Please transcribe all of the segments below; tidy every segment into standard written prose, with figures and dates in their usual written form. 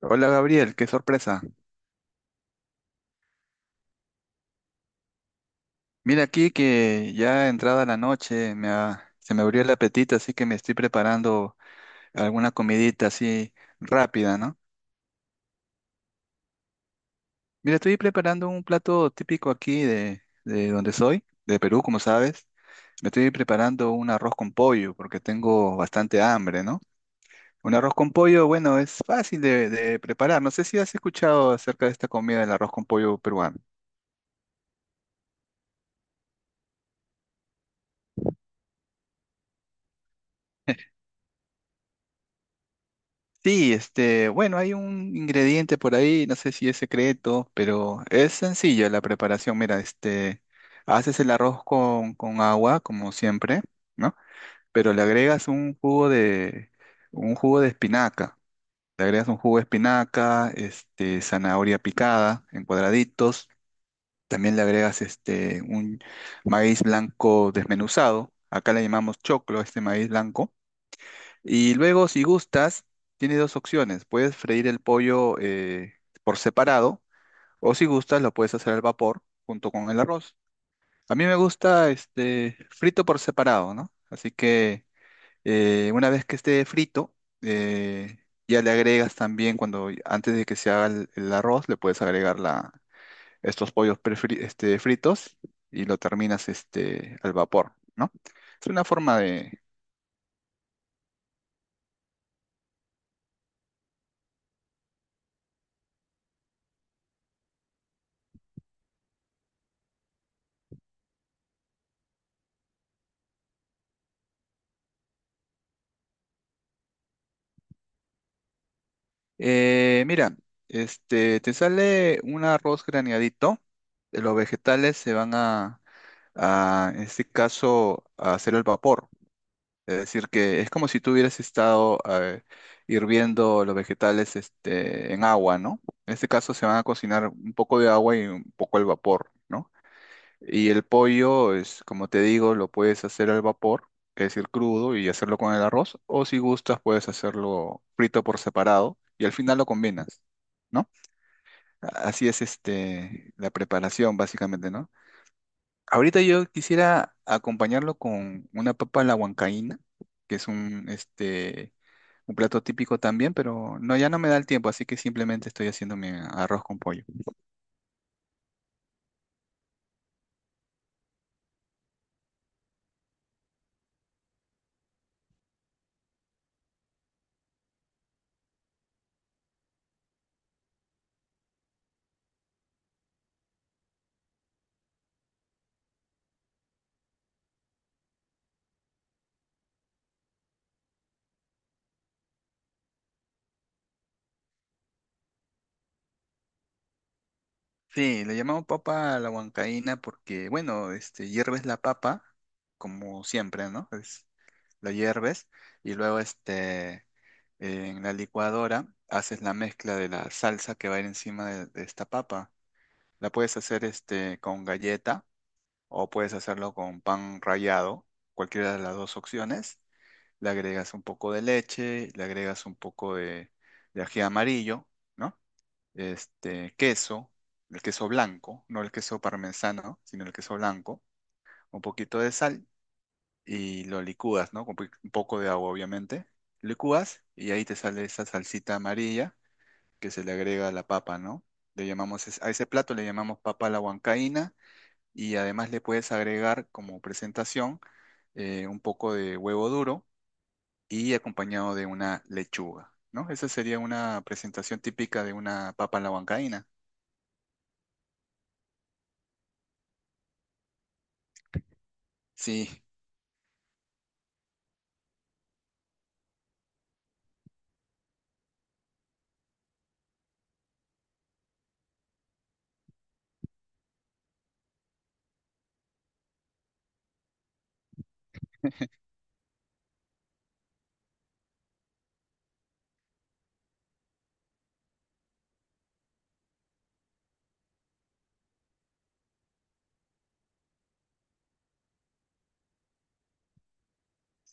Hola Gabriel, qué sorpresa. Mira, aquí que ya entrada la noche se me abrió el apetito, así que me estoy preparando alguna comidita así rápida, ¿no? Mira, estoy preparando un plato típico aquí de donde soy, de Perú, como sabes. Me estoy preparando un arroz con pollo porque tengo bastante hambre, ¿no? Un arroz con pollo, bueno, es fácil de preparar. No sé si has escuchado acerca de esta comida del arroz con pollo peruano. Sí, este, bueno, hay un ingrediente por ahí, no sé si es secreto, pero es sencilla la preparación. Mira, este, haces el arroz con agua, como siempre, ¿no? Pero le agregas un jugo de espinaca. Le agregas un jugo de espinaca, este, zanahoria picada en cuadraditos. También le agregas este, un maíz blanco desmenuzado. Acá le llamamos choclo, a este maíz blanco. Y luego, si gustas, tienes dos opciones. Puedes freír el pollo por separado, o si gustas lo puedes hacer al vapor junto con el arroz. A mí me gusta este frito por separado, ¿no? Así que una vez que esté frito, eh, ya le agregas también cuando antes de que se haga el arroz, le puedes agregar la, este, fritos, y lo terminas este, al vapor, ¿no? Es una forma. Mira, este, te sale un arroz graneadito. Los vegetales se van a, en este caso, a hacer el vapor. Es decir, que es como si tú hubieras estado hirviendo los vegetales este, en agua, ¿no? En este caso se van a cocinar un poco de agua y un poco el vapor, ¿no? Y el pollo es, como te digo, lo puedes hacer al vapor, que es el crudo, y hacerlo con el arroz, o si gustas puedes hacerlo frito por separado y al final lo combinas, ¿no? Así es este la preparación básicamente, ¿no? Ahorita yo quisiera acompañarlo con una papa a la huancaína, que es un este un plato típico también, pero no, ya no me da el tiempo, así que simplemente estoy haciendo mi arroz con pollo. Sí, le llamamos papa a la huancaína porque, bueno, este, hierves la papa, como siempre, ¿no? Es, la hierves y luego este, en la licuadora haces la mezcla de la salsa que va a ir encima de esta papa. La puedes hacer este, con galleta o puedes hacerlo con pan rallado, cualquiera de las dos opciones. Le agregas un poco de leche, le agregas un poco de ají amarillo, ¿no? Este, queso, el queso blanco, no el queso parmesano, sino el queso blanco, un poquito de sal, y lo licúas, ¿no? Con un poco de agua, obviamente. Licúas y ahí te sale esa salsita amarilla que se le agrega a la papa, ¿no? Le llamamos, a ese plato le llamamos papa a la huancaína, y además le puedes agregar como presentación un poco de huevo duro y acompañado de una lechuga, ¿no? Esa sería una presentación típica de una papa a la huancaína. Sí,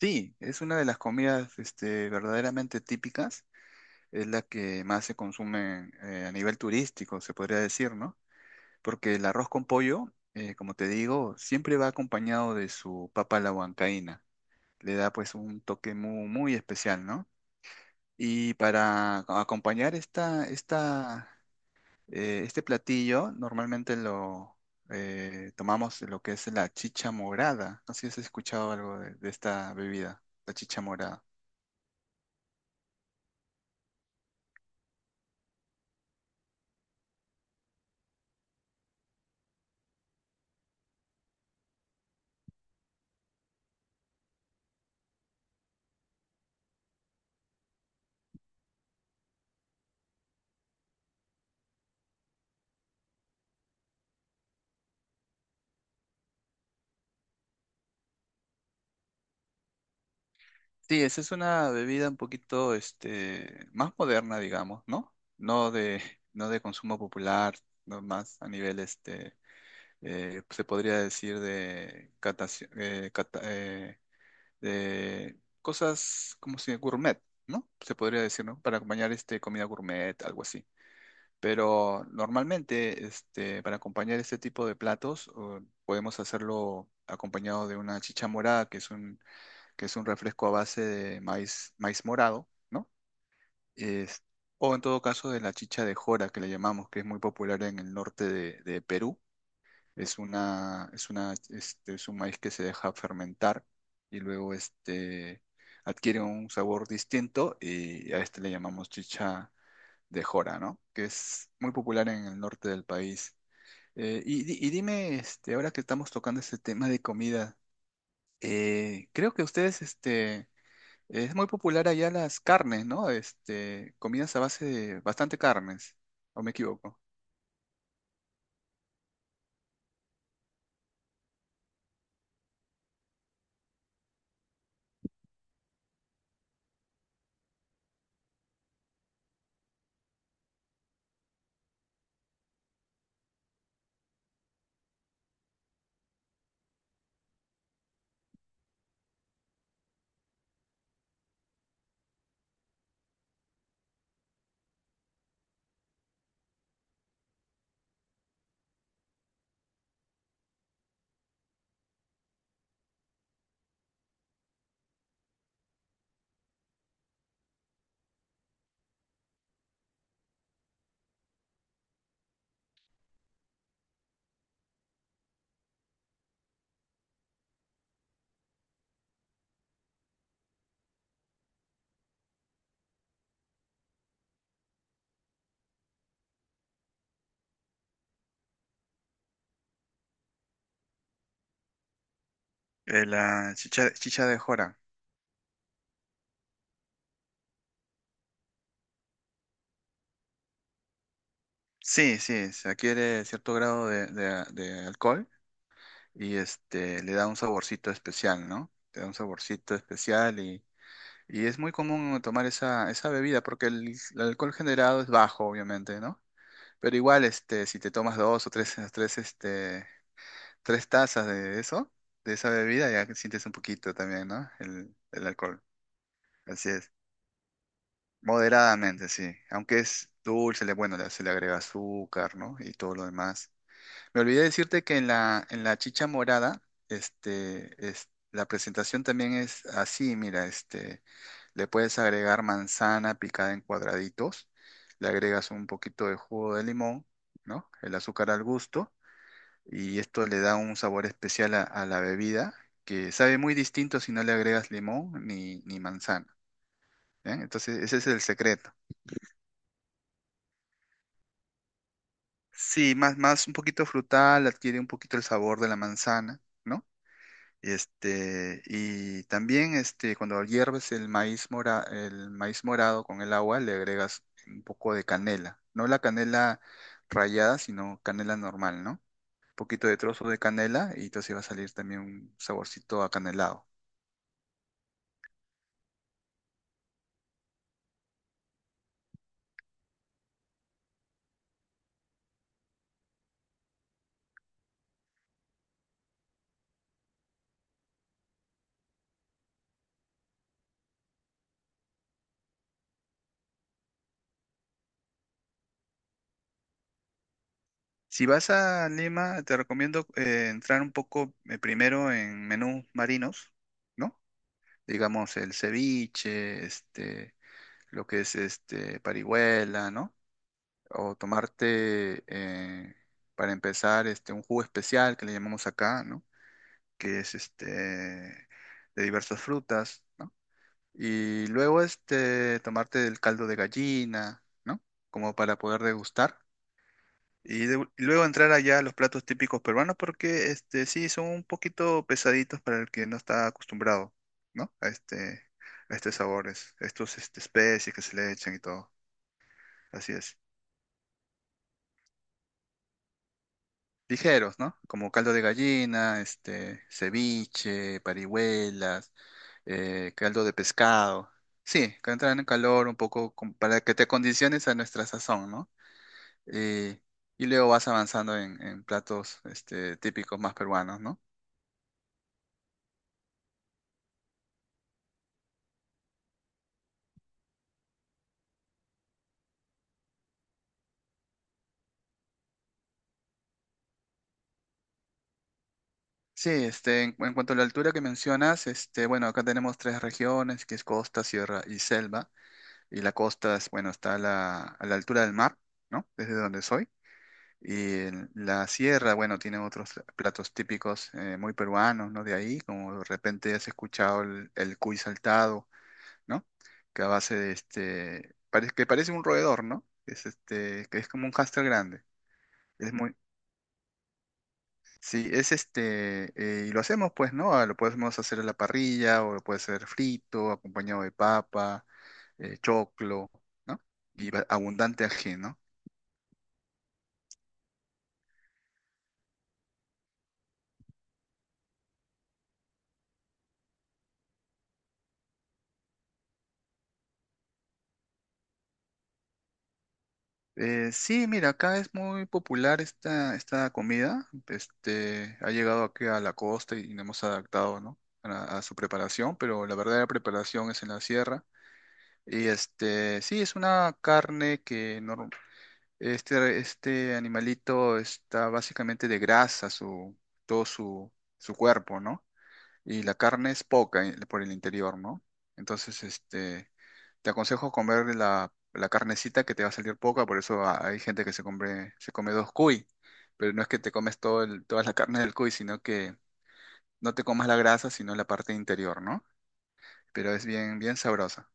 sí, es una de las comidas este, verdaderamente típicas, es la que más se consume a nivel turístico, se podría decir, ¿no? Porque el arroz con pollo, como te digo, siempre va acompañado de su papa a la huancaína, le da pues un toque muy, muy especial, ¿no? Y para acompañar este platillo, normalmente lo tomamos lo que es la chicha morada, no sé si has escuchado algo de esta bebida, la chicha morada. Sí, esa es una bebida un poquito, este, más moderna, digamos, ¿no? No de, no de consumo popular, no más a nivel, este, se podría decir de, de cosas como si gourmet, ¿no? Se podría decir, ¿no? Para acompañar, este, comida gourmet, algo así. Pero normalmente, este, para acompañar este tipo de platos, o podemos hacerlo acompañado de una chicha morada, que es un refresco a base de maíz, maíz morado, ¿no? Es- o en todo caso de la chicha de jora, que le llamamos, que es muy popular en el norte de Perú. Este, es un maíz que se deja fermentar y luego este, adquiere un sabor distinto y a este le llamamos chicha de jora, ¿no? Que es muy popular en el norte del país. Y, y dime, este, ahora que estamos tocando este tema de comida, creo que ustedes, este, es muy popular allá las carnes, ¿no? Este, comidas a base de bastante carnes, ¿o me equivoco? La chicha, chicha de jora. Sí, sí, se adquiere cierto grado de, de alcohol, y este, le da un saborcito especial, ¿no? Te da un saborcito especial y es muy común tomar esa, esa bebida porque el alcohol generado es bajo, obviamente, ¿no? Pero igual, este, si te tomas dos o tres, tres, este, tres tazas de eso, de esa bebida, ya que sientes un poquito también, ¿no? El alcohol. Así es. Moderadamente, sí. Aunque es dulce, le, bueno, se le agrega azúcar, ¿no? Y todo lo demás. Me olvidé decirte que en la chicha morada, este, es, la presentación también es así, mira, este, le puedes agregar manzana picada en cuadraditos, le agregas un poquito de jugo de limón, ¿no? El azúcar al gusto, y esto le da un sabor especial a la bebida, que sabe muy distinto si no le agregas limón ni, ni manzana. ¿Eh? Entonces, ese es el secreto. Sí, más, más un poquito frutal, adquiere un poquito el sabor de la manzana, ¿no? Este, y también este, cuando hierves el maíz mora, el maíz morado con el agua, le agregas un poco de canela. No la canela rallada, sino canela normal, ¿no? Un poquito de trozo de canela y entonces va a salir también un saborcito acanelado. Si vas a Lima, te recomiendo entrar un poco primero en menús marinos, ¿no? Digamos el ceviche, este, lo que es este parihuela, ¿no? O tomarte para empezar este un jugo especial que le llamamos acá, ¿no? Que es este de diversas frutas, ¿no? Y luego este tomarte el caldo de gallina, ¿no? Como para poder degustar. Y, y luego entrar allá a los platos típicos peruanos porque este sí son un poquito pesaditos para el que no está acostumbrado, ¿no? A este, a estos sabores, estos este, especies que se le echan y todo. Así es. Ligeros, ¿no? Como caldo de gallina, este, ceviche, parihuelas, caldo de pescado. Sí, que entran en calor un poco como para que te condiciones a nuestra sazón, ¿no? Eh, y luego vas avanzando en platos este, típicos más peruanos, ¿no? Sí, este, en cuanto a la altura que mencionas, este, bueno, acá tenemos tres regiones, que es costa, sierra y selva, y la costa es, bueno, está a la altura del mar, ¿no? Desde donde soy. Y en la sierra, bueno, tiene otros platos típicos muy peruanos, ¿no? De ahí, como de repente has escuchado el cuy saltado, ¿no? Que a base de este, parece que parece un roedor, ¿no? Es este, que es como un hámster grande. Sí, es este, y lo hacemos pues, ¿no? Ah, lo podemos hacer a la parrilla o lo puede ser frito, acompañado de papa, choclo, ¿no? Y abundante ajeno. Sí, mira, acá es muy popular esta, esta comida. Este, ha llegado aquí a la costa y nos hemos adaptado, ¿no? A su preparación, pero la verdadera preparación es en la sierra. Y este, sí, es una carne que no, este animalito está básicamente de grasa, su, todo su, su cuerpo, ¿no? Y la carne es poca por el interior, ¿no? Entonces, este, te aconsejo comer la, la carnecita que te va a salir poca, por eso hay gente que se come dos cuy, pero no es que te comes toda la carne del cuy, sino que no te comas la grasa, sino la parte interior, ¿no? Pero es bien, bien sabrosa.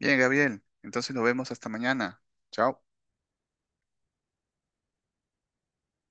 Bien, Gabriel, entonces nos vemos hasta mañana. Chao.